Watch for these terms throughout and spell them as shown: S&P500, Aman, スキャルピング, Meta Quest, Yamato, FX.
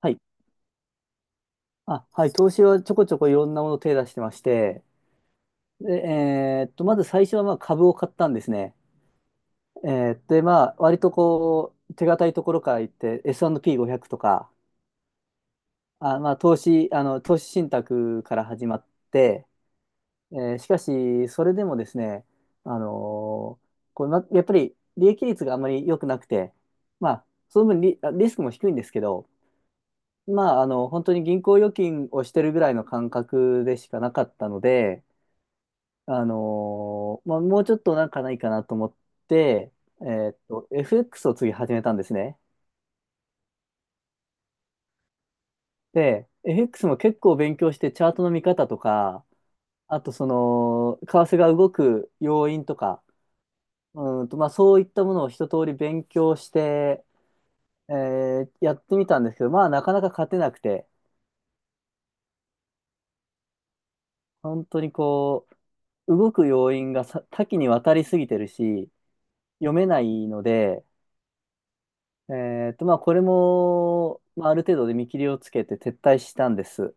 はい。あ、はい。投資はちょこちょこいろんなものを手出してまして、で、まず最初はまあ株を買ったんですね。えで、まあ、割とこう、手堅いところから行って、S&P500 とか、あ、まあ、投資信託から始まって、しかし、それでもですね、あのーこうな、やっぱり利益率があまり良くなくて、まあ、その分リスクも低いんですけど、まあ、本当に銀行預金をしてるぐらいの感覚でしかなかったので、まあ、もうちょっとなんかないかなと思って、FX を次始めたんですね。で、FX も結構勉強して、チャートの見方とか、あとその、為替が動く要因とか、まあ、そういったものを一通り勉強して、やってみたんですけど、まあ、なかなか勝てなくて、本当にこう、動く要因がさ多岐にわたりすぎてるし、読めないので、まあ、これも、まあ、ある程度で見切りをつけて撤退したんです。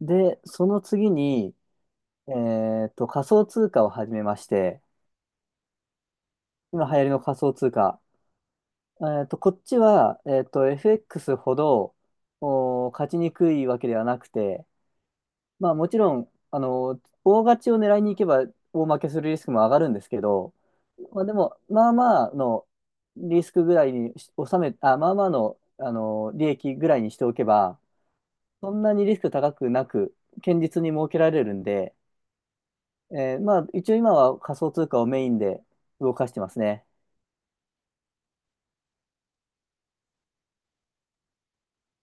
で、その次に、仮想通貨を始めまして、今流行りの仮想通貨。こっちは、FX ほど、勝ちにくいわけではなくて、まあ、もちろん、大勝ちを狙いに行けば、大負けするリスクも上がるんですけど、まあ、でも、まあまあのリスクぐらいにし収め、あ、まあまあの、利益ぐらいにしておけば、そんなにリスク高くなく、堅実に設けられるんで、まあ、一応今は仮想通貨をメインで動かしてますね。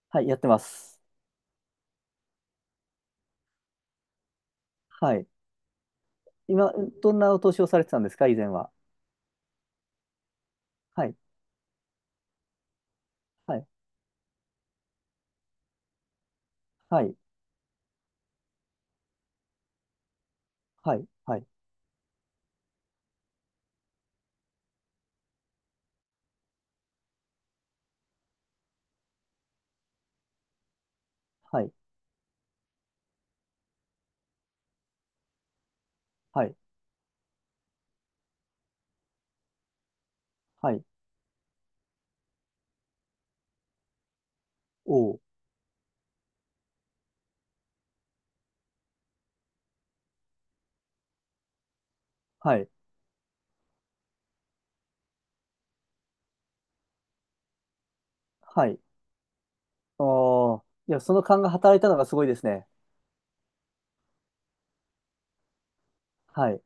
はい、やってます。はい。今、どんな投資をされてたんですか、以前は？はい、はい、はい、はい、はい、はい、はい、はい、おー、はい、はい。おー、いや、その勘が働いたのがすごいですね。はい、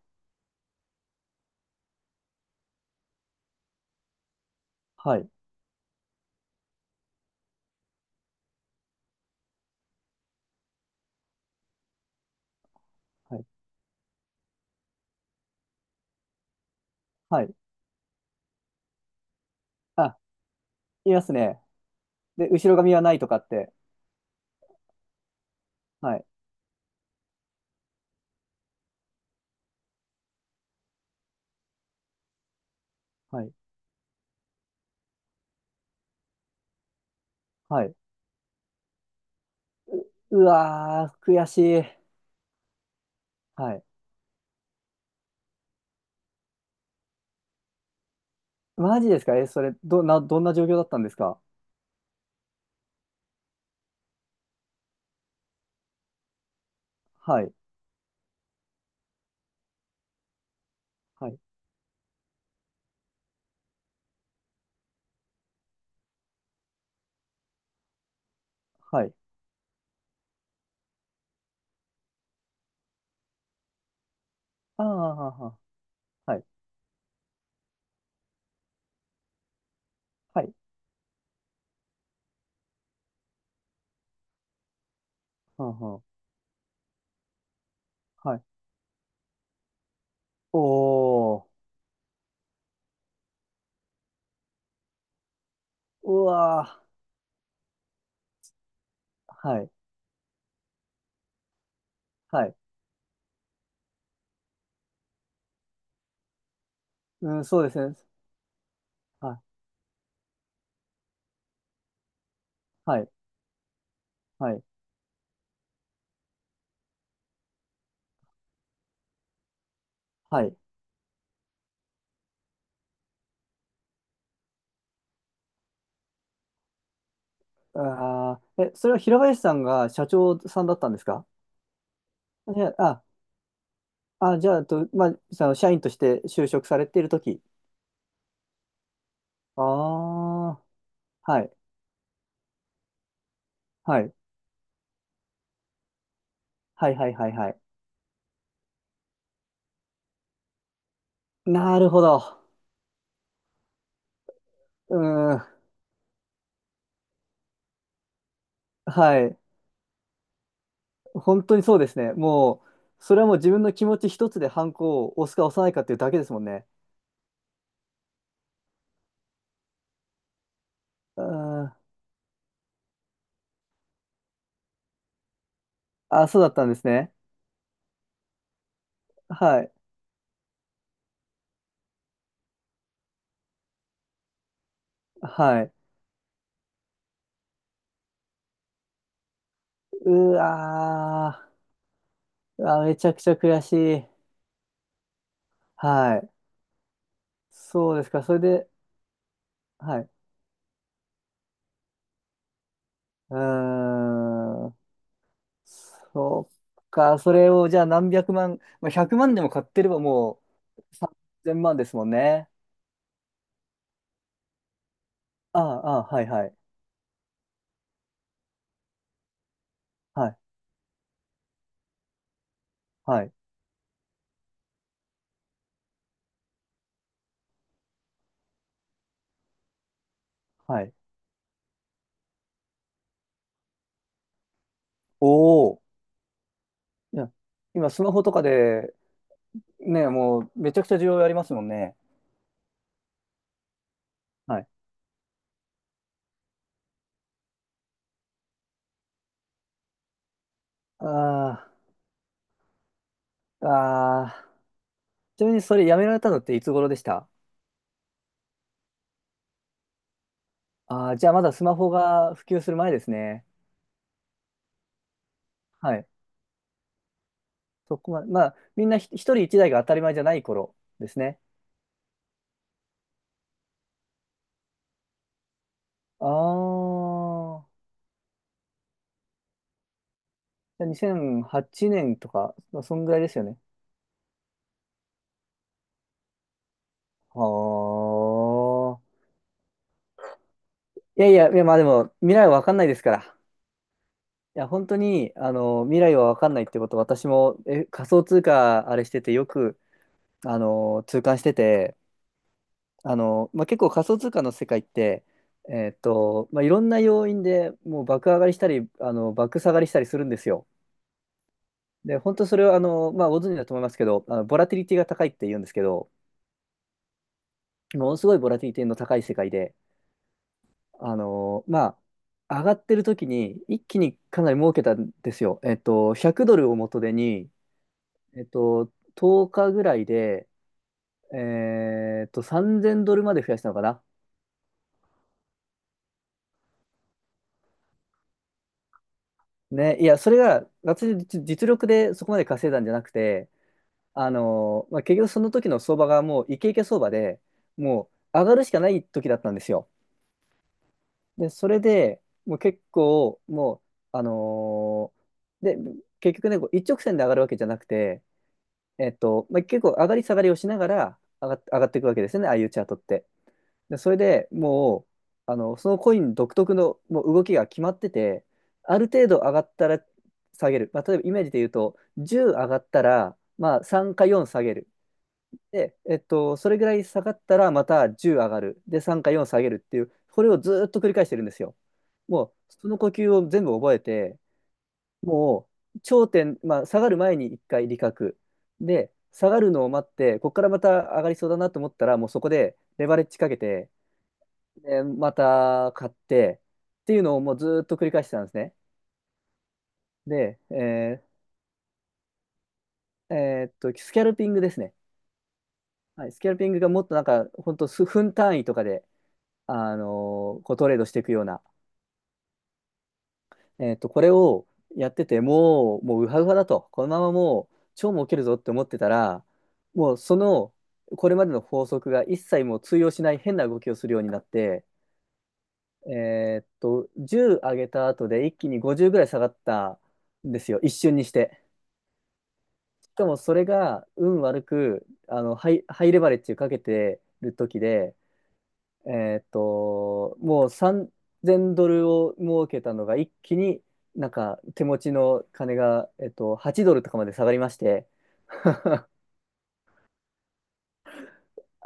はい、はい、はい。あ、いますね。で、後ろ髪はないとかって。はい、はい、はい。うわー、悔しい。はい。マジですかえ、それ、どんな状況だったんですか？はい、はい、はい。ああ、はい、はい、はい、はんはんはい。おー、うわー、はい、はい。うん、そうですね。はい、はい、はい、はい。ああ、え、それは平林さんが社長さんだったんですか？いやあ、あじゃあ、まあ、その社員として就職されているとき。ああ、はい、はい、はい、はい、はい、はい。なるほど。うーん、はい。本当にそうですね。もう、それはもう自分の気持ち一つでハンコを押すか押さないかっていうだけですもんね。うーん。あ、そうだったんですね。はい。はい。うわー。あ、めちゃくちゃ悔しい。はい。そうですか。それで、はい。うーん。そっか。それをじゃあ何百万、まあ、100万でも買ってればもう3000万ですもんね。ああ、ああ、はいはい。はい。はい。はい。おお。いや今、スマホとかでねえ、もうめちゃくちゃ需要ありますもんね。はい。ああああ、ちなみにそれやめられたのっていつ頃でした？ああー、じゃあまだスマホが普及する前ですね。はい。そこまで、まあ、みんな一人一台が当たり前じゃない頃ですね。ああ、じゃあ2008年とか、まあそんぐらいですよね。はあ。いやいや、いや、まあでも、未来は分かんないですから。いや、本当に、未来は分かんないってこと、私も、仮想通貨、あれしててよく、痛感してて、まあ、結構仮想通貨の世界って、まあ、いろんな要因でもう爆上がりしたり爆下がりしたりするんですよ。で本当それはまあ、ご存知だと思いますけど、ボラティリティが高いって言うんですけど、ものすごいボラティリティの高い世界でまあ、上がってる時に一気にかなり儲けたんですよ。100ドルを元手に、10日ぐらいで、3000ドルまで増やしたのかな。ね、いや、それが、私の実力でそこまで稼いだんじゃなくて、まあ、結局その時の相場がもうイケイケ相場で、もう上がるしかない時だったんですよ。で、それでもう結構、もう、で、結局ね、こう一直線で上がるわけじゃなくて、まあ、結構上がり下がりをしながら上がっていくわけですよね、ああいうチャートって。で、それでもう、そのコイン独特のもう動きが決まってて、ある程度上がったら下げる。まあ、例えばイメージで言うと、10上がったら、まあ、3か4下げる。で、それぐらい下がったらまた10上がる。で、3か4下げるっていう、これをずーっと繰り返してるんですよ。もう、その呼吸を全部覚えて、もう、頂点、まあ、下がる前に1回利確。で、下がるのを待って、ここからまた上がりそうだなと思ったら、もうそこでレバレッジかけて、で、また買ってっていうのをもうずーっと繰り返してたんですね。で、スキャルピングですね。はい、スキャルピングがもっとなんか、本当数分単位とかで、こうトレードしていくような、これをやってて、もう、もうウハウハだと、このままもう超儲けるぞって思ってたら、もうその、これまでの法則が一切もう通用しない変な動きをするようになって、10上げた後で一気に50ぐらい下がったんですよ、一瞬にして。かもそれが運悪くハイレバレッジかけてる時で、もう3000ドルを儲けたのが一気になんか手持ちの金が、8ドルとかまで下がりまして、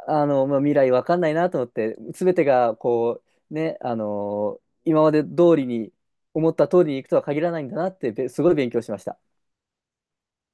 まあ、未来わかんないなと思って、すべてがこう、ね、今まで通りに思った通りにいくとは限らないんだなってすごい勉強しました。